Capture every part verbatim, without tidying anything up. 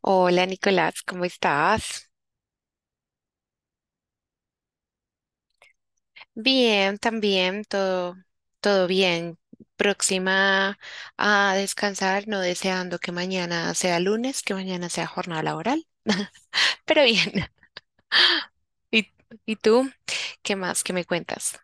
Hola Nicolás, ¿cómo estás? Bien, también, todo, todo bien. Próxima a descansar, no deseando que mañana sea lunes, que mañana sea jornada laboral, pero bien. ¿Y, y tú? ¿Qué más que me cuentas?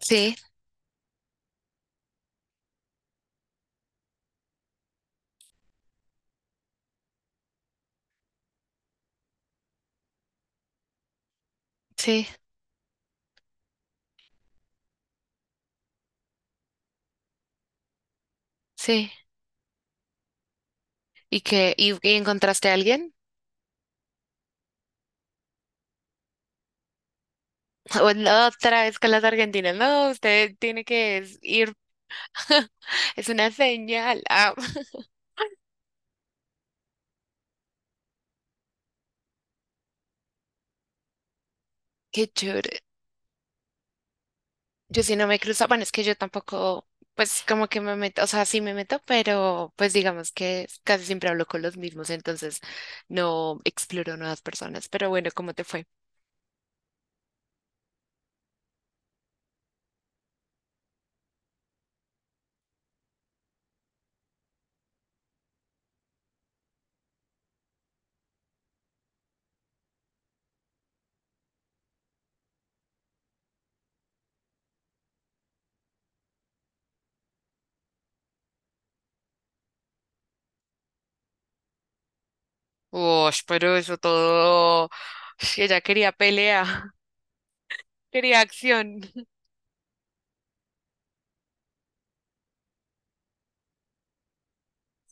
Sí, sí, sí. ¿Y qué? ¿Y, y encontraste a alguien? O la otra vez con las argentinas. No, usted tiene que es- ir. Es una señal. Ah, qué chévere. Yo sí no me cruzo, bueno, es que yo tampoco, pues como que me meto, o sea, sí me meto, pero pues digamos que casi siempre hablo con los mismos, entonces no exploro nuevas personas. Pero bueno, ¿cómo te fue? Uy, pero eso todo. Ush, ella quería pelea, quería acción.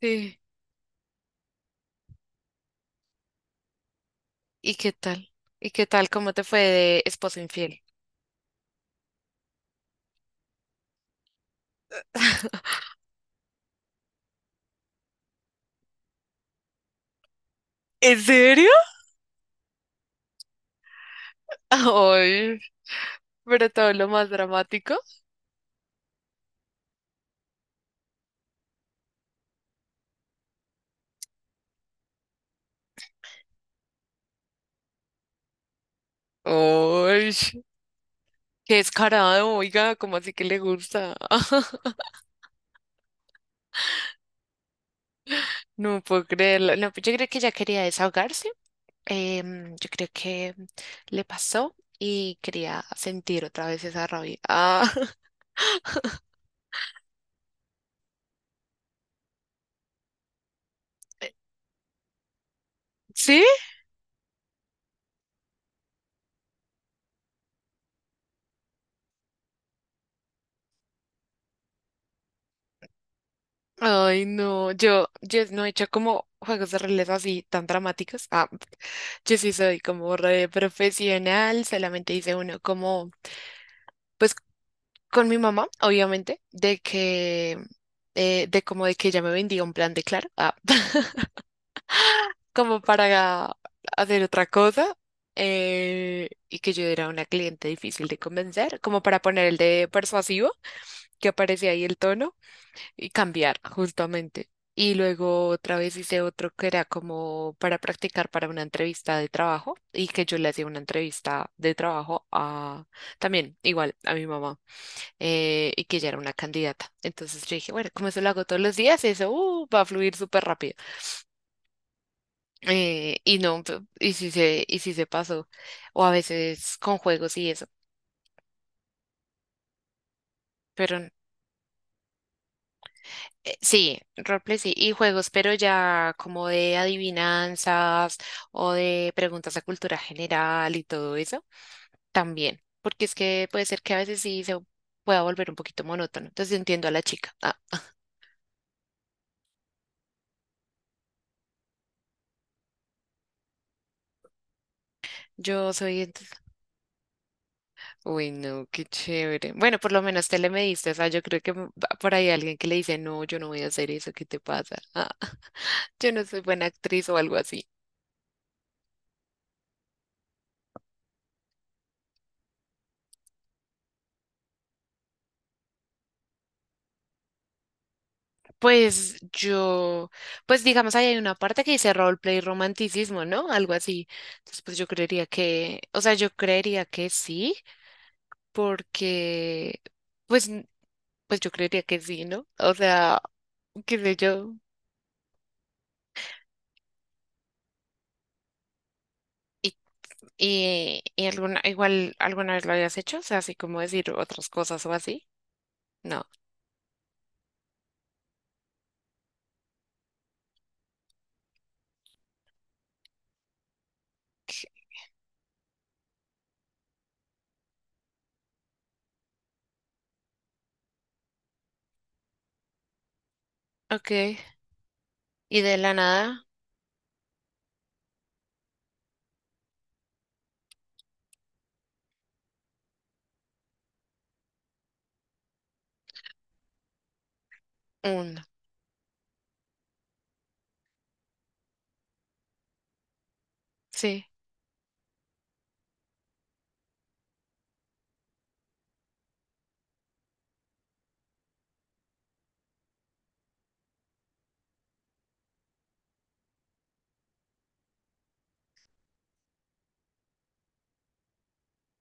Sí. ¿Y qué tal? ¿Y qué tal? ¿Cómo te fue de esposo infiel? ¿En serio? Ay, pero todo lo más dramático. Ay, qué descarado, oiga, ¿cómo así que le gusta? No puedo creerlo. No, pues yo creo que ella quería desahogarse. Em, yo creo que le pasó y quería sentir otra vez esa rabia. Ah, ¿sí? Ay, no. Yo, yo no he hecho como juegos de roles así tan dramáticos. Ah, yo sí soy como re profesional. Solamente hice uno como, pues con mi mamá, obviamente, de que, eh, de como de que ella me vendía un plan de Claro. Ah. Como para hacer otra cosa. Eh, y que yo era una cliente difícil de convencer, como para poner el de persuasivo, que aparecía ahí el tono y cambiar justamente. Y luego otra vez hice otro que era como para practicar para una entrevista de trabajo y que yo le hacía una entrevista de trabajo a, también, igual, a mi mamá. Eh, y que ella era una candidata. Entonces yo dije, bueno, como eso lo hago todos los días, eso uh, va a fluir súper rápido. Eh, y no, pe- y si se, y si se pasó, o a veces con juegos y eso, pero n- eh, sí, roleplay sí, y juegos, pero ya como de adivinanzas o de preguntas de cultura general y todo eso, también, porque es que puede ser que a veces sí se pueda volver un poquito monótono, entonces entiendo a la chica. Ah, yo soy entonces, uy, no, qué chévere. Bueno, por lo menos te le mediste, o sea, yo creo que m- va por ahí alguien que le dice, no, yo no voy a hacer eso, ¿qué te pasa? Ah, yo no soy buena actriz o algo así. Pues yo, pues digamos, ahí hay una parte que dice roleplay romanticismo, ¿no? Algo así. Entonces, pues yo creería que, o sea, yo creería que sí, porque, pues, n- pues yo creería que sí, ¿no? O sea, qué sé yo. Y, y, y alguna, igual alguna vez lo habías hecho, o sea, así como decir otras cosas o así. No. Ok. Y de la nada, un. Sí.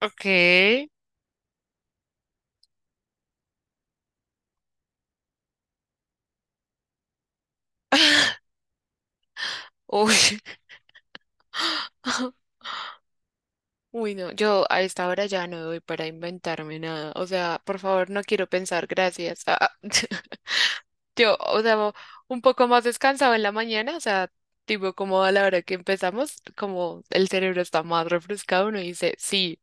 Ok. Uy. Uy, no, yo a esta hora ya no doy para inventarme nada. O sea, por favor, no quiero pensar, gracias. Ah, yo, o sea, un poco más descansado en la mañana, o sea, tipo como a la hora que empezamos, como el cerebro está más refrescado, uno dice sí,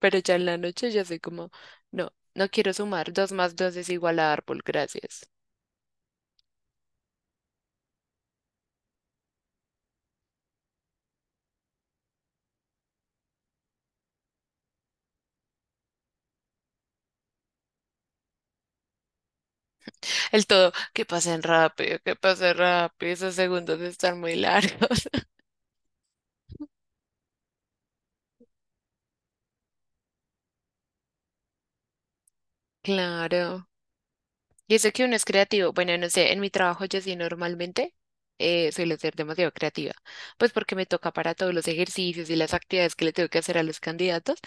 pero ya en la noche ya soy como, no, no quiero sumar, dos más dos es igual a árbol, gracias. El todo, que pasen rápido, que pasen rápido, esos segundos están muy largos. Claro. Y eso que uno es creativo, bueno, no sé, en mi trabajo yo sí normalmente eh, suelo ser demasiado creativa, pues porque me toca para todos los ejercicios y las actividades que le tengo que hacer a los candidatos,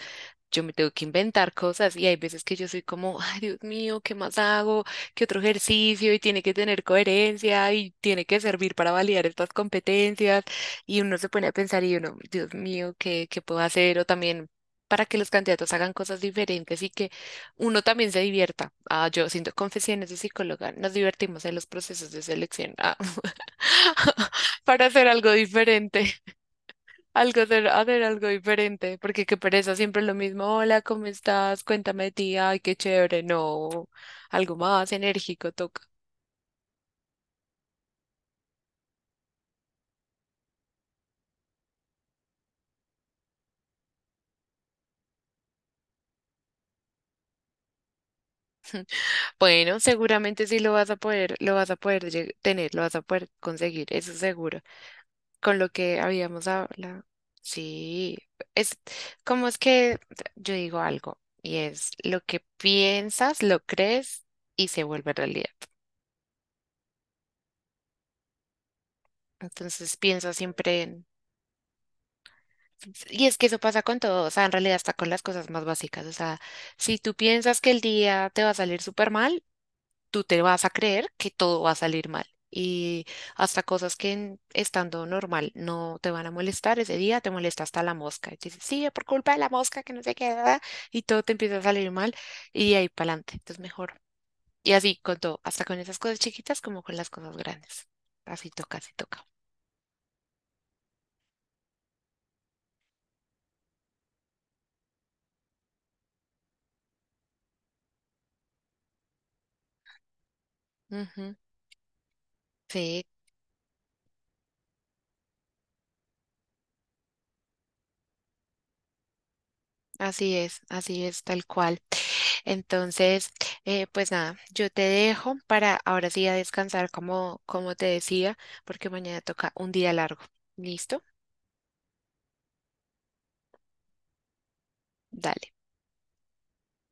yo me tengo que inventar cosas y hay veces que yo soy como, ay, Dios mío, ¿qué más hago? ¿Qué otro ejercicio? Y tiene que tener coherencia y tiene que servir para validar estas competencias. Y uno se pone a pensar y uno, Dios mío, ¿qué, qué puedo hacer? O también para que los candidatos hagan cosas diferentes y que uno también se divierta. Ah, yo siento confesiones de psicóloga, nos divertimos en los procesos de selección. Ah, para hacer algo diferente. Algo de, hacer algo diferente, porque qué pereza, siempre lo mismo. Hola, ¿cómo estás? Cuéntame de ti. Ay, qué chévere. No, algo más enérgico toca. Bueno, seguramente sí lo vas a poder, lo vas a poder lle- tener, lo vas a poder conseguir, eso seguro. Con lo que habíamos hablado. Sí, es como es que yo digo algo y es lo que piensas, lo crees y se vuelve realidad. Entonces piensa siempre en... Y es que eso pasa con todo, o sea, en realidad hasta con las cosas más básicas, o sea, si tú piensas que el día te va a salir súper mal, tú te vas a creer que todo va a salir mal. Y hasta cosas que en- estando normal no te van a molestar, ese día te molesta hasta la mosca. Y te dices, sí, por culpa de la mosca que no se queda, y todo te empieza a salir mal, y de ahí para adelante, entonces mejor. Y así con todo, hasta con esas cosas chiquitas como con las cosas grandes. Así toca, así toca. Ujú. Sí, así es, así es, tal cual. Entonces, eh, pues nada, yo te dejo para ahora sí a descansar como, como te decía, porque mañana toca un día largo. ¿Listo? Dale.